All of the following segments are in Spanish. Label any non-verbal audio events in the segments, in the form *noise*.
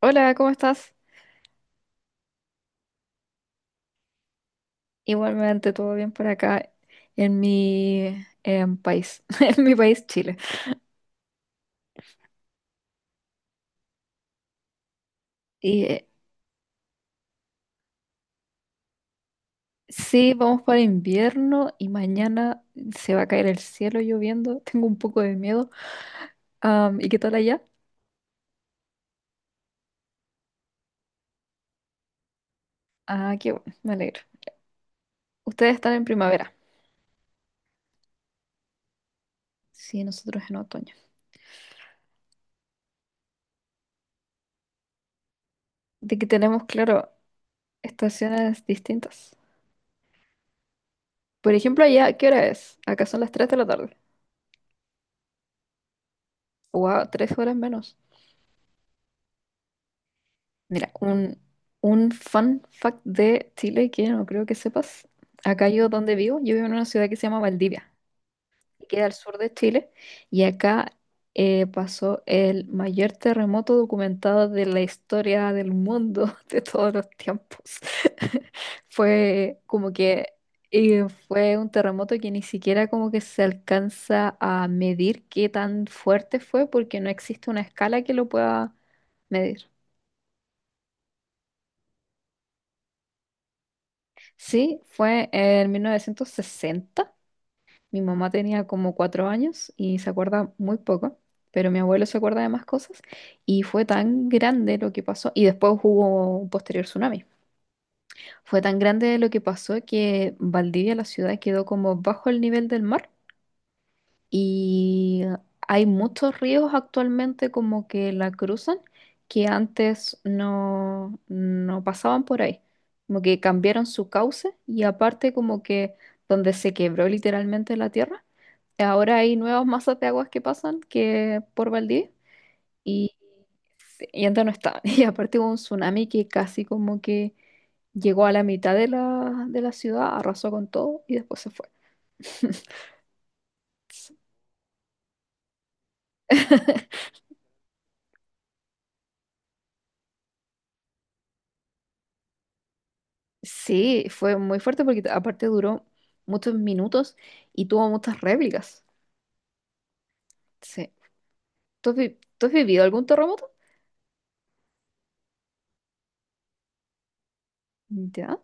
Hola, ¿cómo estás? Igualmente, todo bien por acá en mi país, *laughs* en mi país, Chile. Y sí, vamos para invierno y mañana se va a caer el cielo lloviendo. *laughs* Tengo un poco de miedo. ¿Y qué tal allá? Ah, qué bueno, me alegro. Ustedes están en primavera. Sí, nosotros en otoño. De que tenemos, claro, estaciones distintas. Por ejemplo, allá, ¿qué hora es? Acá son las 3 de la tarde. Wow, 3 horas menos. Mira, un fun fact de Chile que no creo que sepas. Acá yo donde vivo, yo vivo en una ciudad que se llama Valdivia, que queda al sur de Chile, y acá pasó el mayor terremoto documentado de la historia del mundo *laughs* de todos los tiempos. *laughs* Fue como que fue un terremoto que ni siquiera como que se alcanza a medir qué tan fuerte fue, porque no existe una escala que lo pueda medir. Sí, fue en 1960. Mi mamá tenía como 4 años y se acuerda muy poco, pero mi abuelo se acuerda de más cosas y fue tan grande lo que pasó, y después hubo un posterior tsunami. Fue tan grande lo que pasó que Valdivia, la ciudad, quedó como bajo el nivel del mar y hay muchos ríos actualmente como que la cruzan que antes no, no pasaban por ahí. Como que cambiaron su cauce y aparte como que donde se quebró literalmente la tierra, ahora hay nuevas masas de aguas que pasan que por Valdivia y, y antes no estaban. *laughs* Y aparte hubo un tsunami que casi como que llegó a la mitad de la ciudad, arrasó con todo y después se fue. *laughs* Sí, fue muy fuerte porque aparte duró muchos minutos y tuvo muchas réplicas. Sí. ¿Tú has vivido algún terremoto? Ya.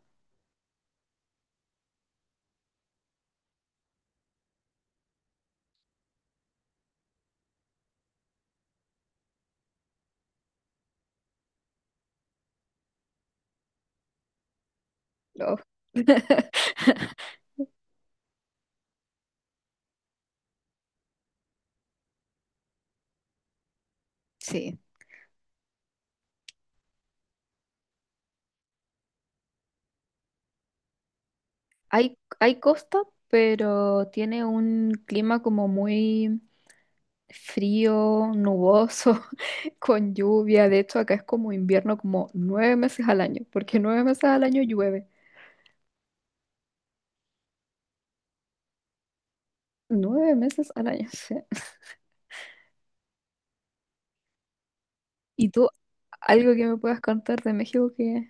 No. *laughs* Sí. Hay costa, pero tiene un clima como muy frío, nuboso, *laughs* con lluvia. De hecho, acá es como invierno como 9 meses al año, porque 9 meses al año llueve. 9 meses al año, *laughs* sí. ¿Y tú algo que me puedas contar de México que...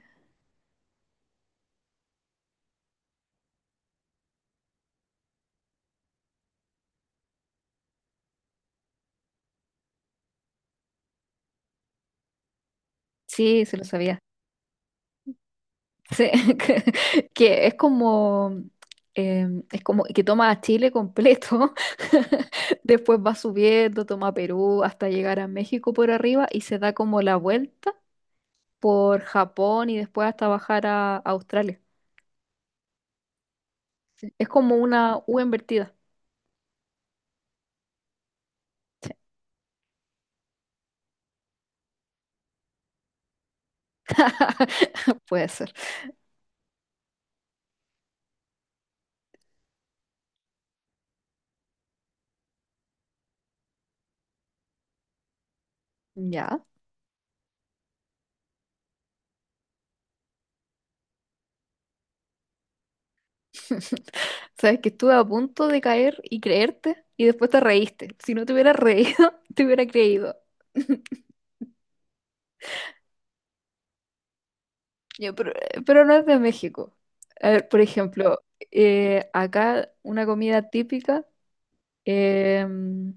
Sí, se lo sabía. Sí, *laughs* que, que eh, es como que toma a Chile completo, *laughs* después va subiendo, toma Perú hasta llegar a México por arriba y se da como la vuelta por Japón y después hasta bajar a Australia. Sí, es como una U invertida. *laughs* Puede ser. Ya. *laughs* Sabes que estuve a punto de caer y creerte y después te reíste. Si no te hubiera reído, *laughs* te hubiera creído. *laughs* Ya, pero no es de México. A ver, por ejemplo, acá una comida típica. em,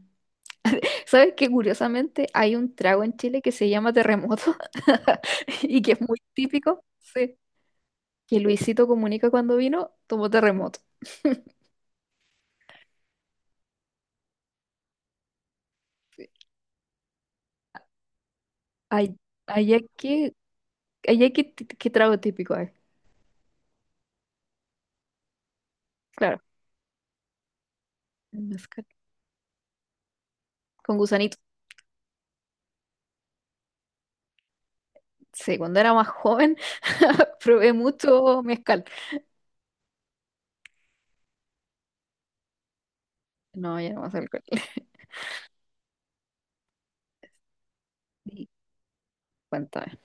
¿sabes qué? Curiosamente hay un trago en Chile que se llama terremoto *laughs* y que es muy típico. Sí. Que Luisito Comunica cuando vino tomó terremoto. Sí. Ay- Allá que, qué trago típico hay. Claro, el mezcal. Con gusanito. Sí, cuando era más joven *laughs* probé mucho mezcal. No, ya no más alcohol. *laughs* Sí, cuéntame.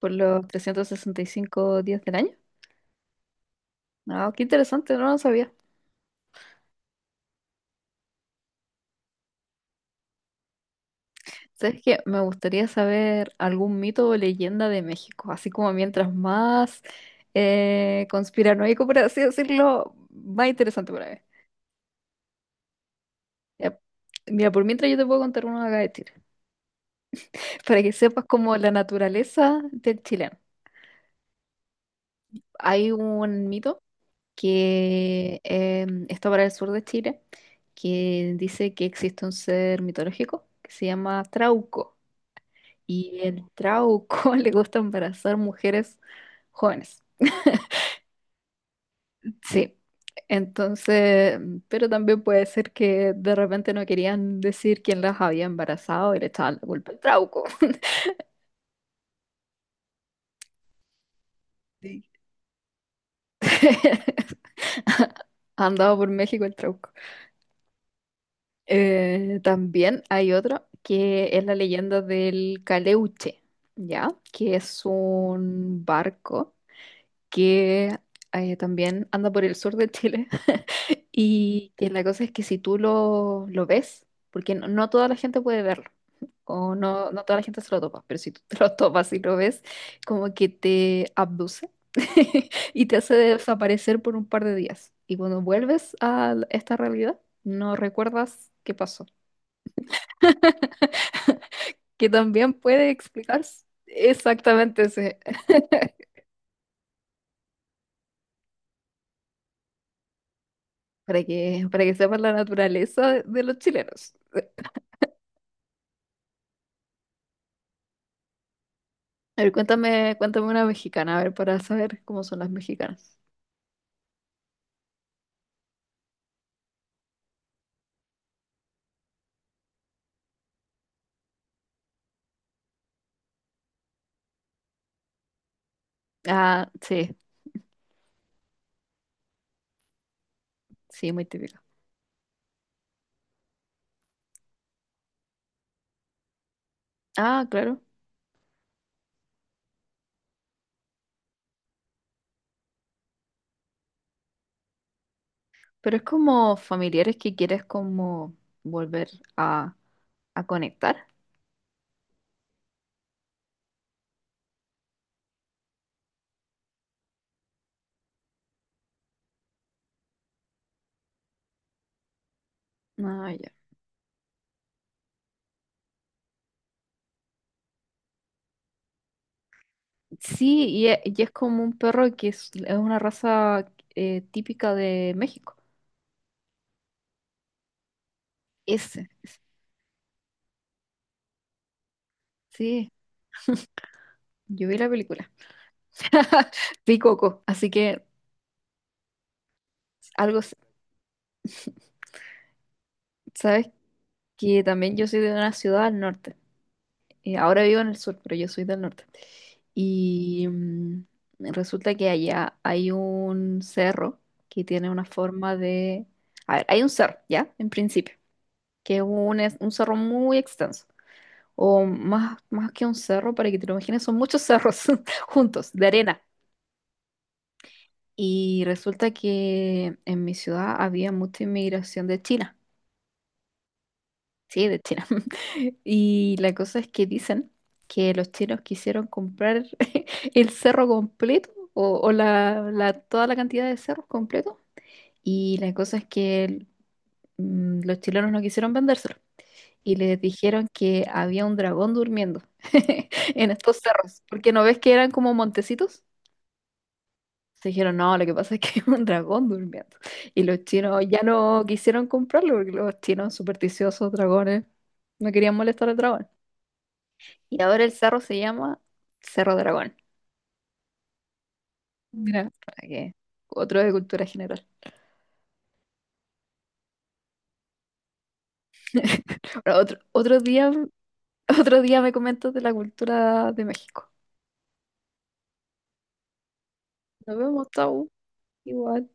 Por los 365 días del año. Ah, qué interesante, no lo sabía. ¿Sabes qué? Me gustaría saber algún mito o leyenda de México, así como mientras más conspiranoico, por así decirlo, más interesante para mí. Ya. Mira, por mientras yo te puedo contar uno acá de Chile, para que sepas como la naturaleza del chileno. Hay un mito que está para el sur de Chile, que dice que existe un ser mitológico que se llama Trauco. Y el trauco *laughs* le gusta embarazar mujeres jóvenes. Sí. Entonces, pero también puede ser que de repente no querían decir quién las había embarazado y le echaban la culpa al trauco. *laughs* Sí. *laughs* Andado por México el trauco. También hay otro que es la leyenda del Caleuche, ¿ya? Que es un barco que también anda por el sur de Chile. Y que la cosa es que si tú lo ves, porque no, no toda la gente puede verlo, o no, no toda la gente se lo topa, pero si tú *laughs* te lo topas y lo ves, como que te abduce *laughs* y te hace desaparecer por un par de días. Y cuando vuelves a esta realidad, no recuerdas qué pasó. Que también puede explicarse exactamente. Para que sepas la naturaleza de los chilenos. A ver, cuéntame, cuéntame una mexicana, a ver, para saber cómo son las mexicanas. Ah, sí, sí, muy típico. Ah, claro. Pero es como familiares que quieres como volver a, a conectar. Ah, ya. Sí, y es, como un perro que es una raza típica de México. Ese, ese. Sí, yo vi la película. *laughs* Vi Coco, así que algo, s- sabes que también yo soy de una ciudad al norte. Ahora vivo en el sur, pero yo soy del norte. Y resulta que allá hay un cerro que tiene una forma de... A ver, hay un cerro, ¿ya? En principio, que es un, un cerro muy extenso. O más, más que un cerro, para que te lo imagines, son muchos cerros *laughs* juntos, de arena. Y resulta que en mi ciudad había mucha inmigración de China. Sí, de China. *laughs* Y la cosa es que dicen que los chinos quisieron comprar *laughs* el cerro completo o, toda la cantidad de cerros completos. Y la cosa es que los chilenos no quisieron vendérselo. Y les dijeron que había un dragón durmiendo *laughs* en estos cerros. Porque no ves que eran como montecitos. Se dijeron, no, lo que pasa es que *laughs* hay un dragón durmiendo. Y los chinos ya no quisieron comprarlo porque los chinos supersticiosos, dragones, no querían molestar al dragón. Y ahora el cerro se llama Cerro Dragón. Mira, para que... Otro de cultura general. *laughs* Bueno, otro, otro día, *laughs* otro día me comentas de la cultura de México. Nos vemos, chau. Igual.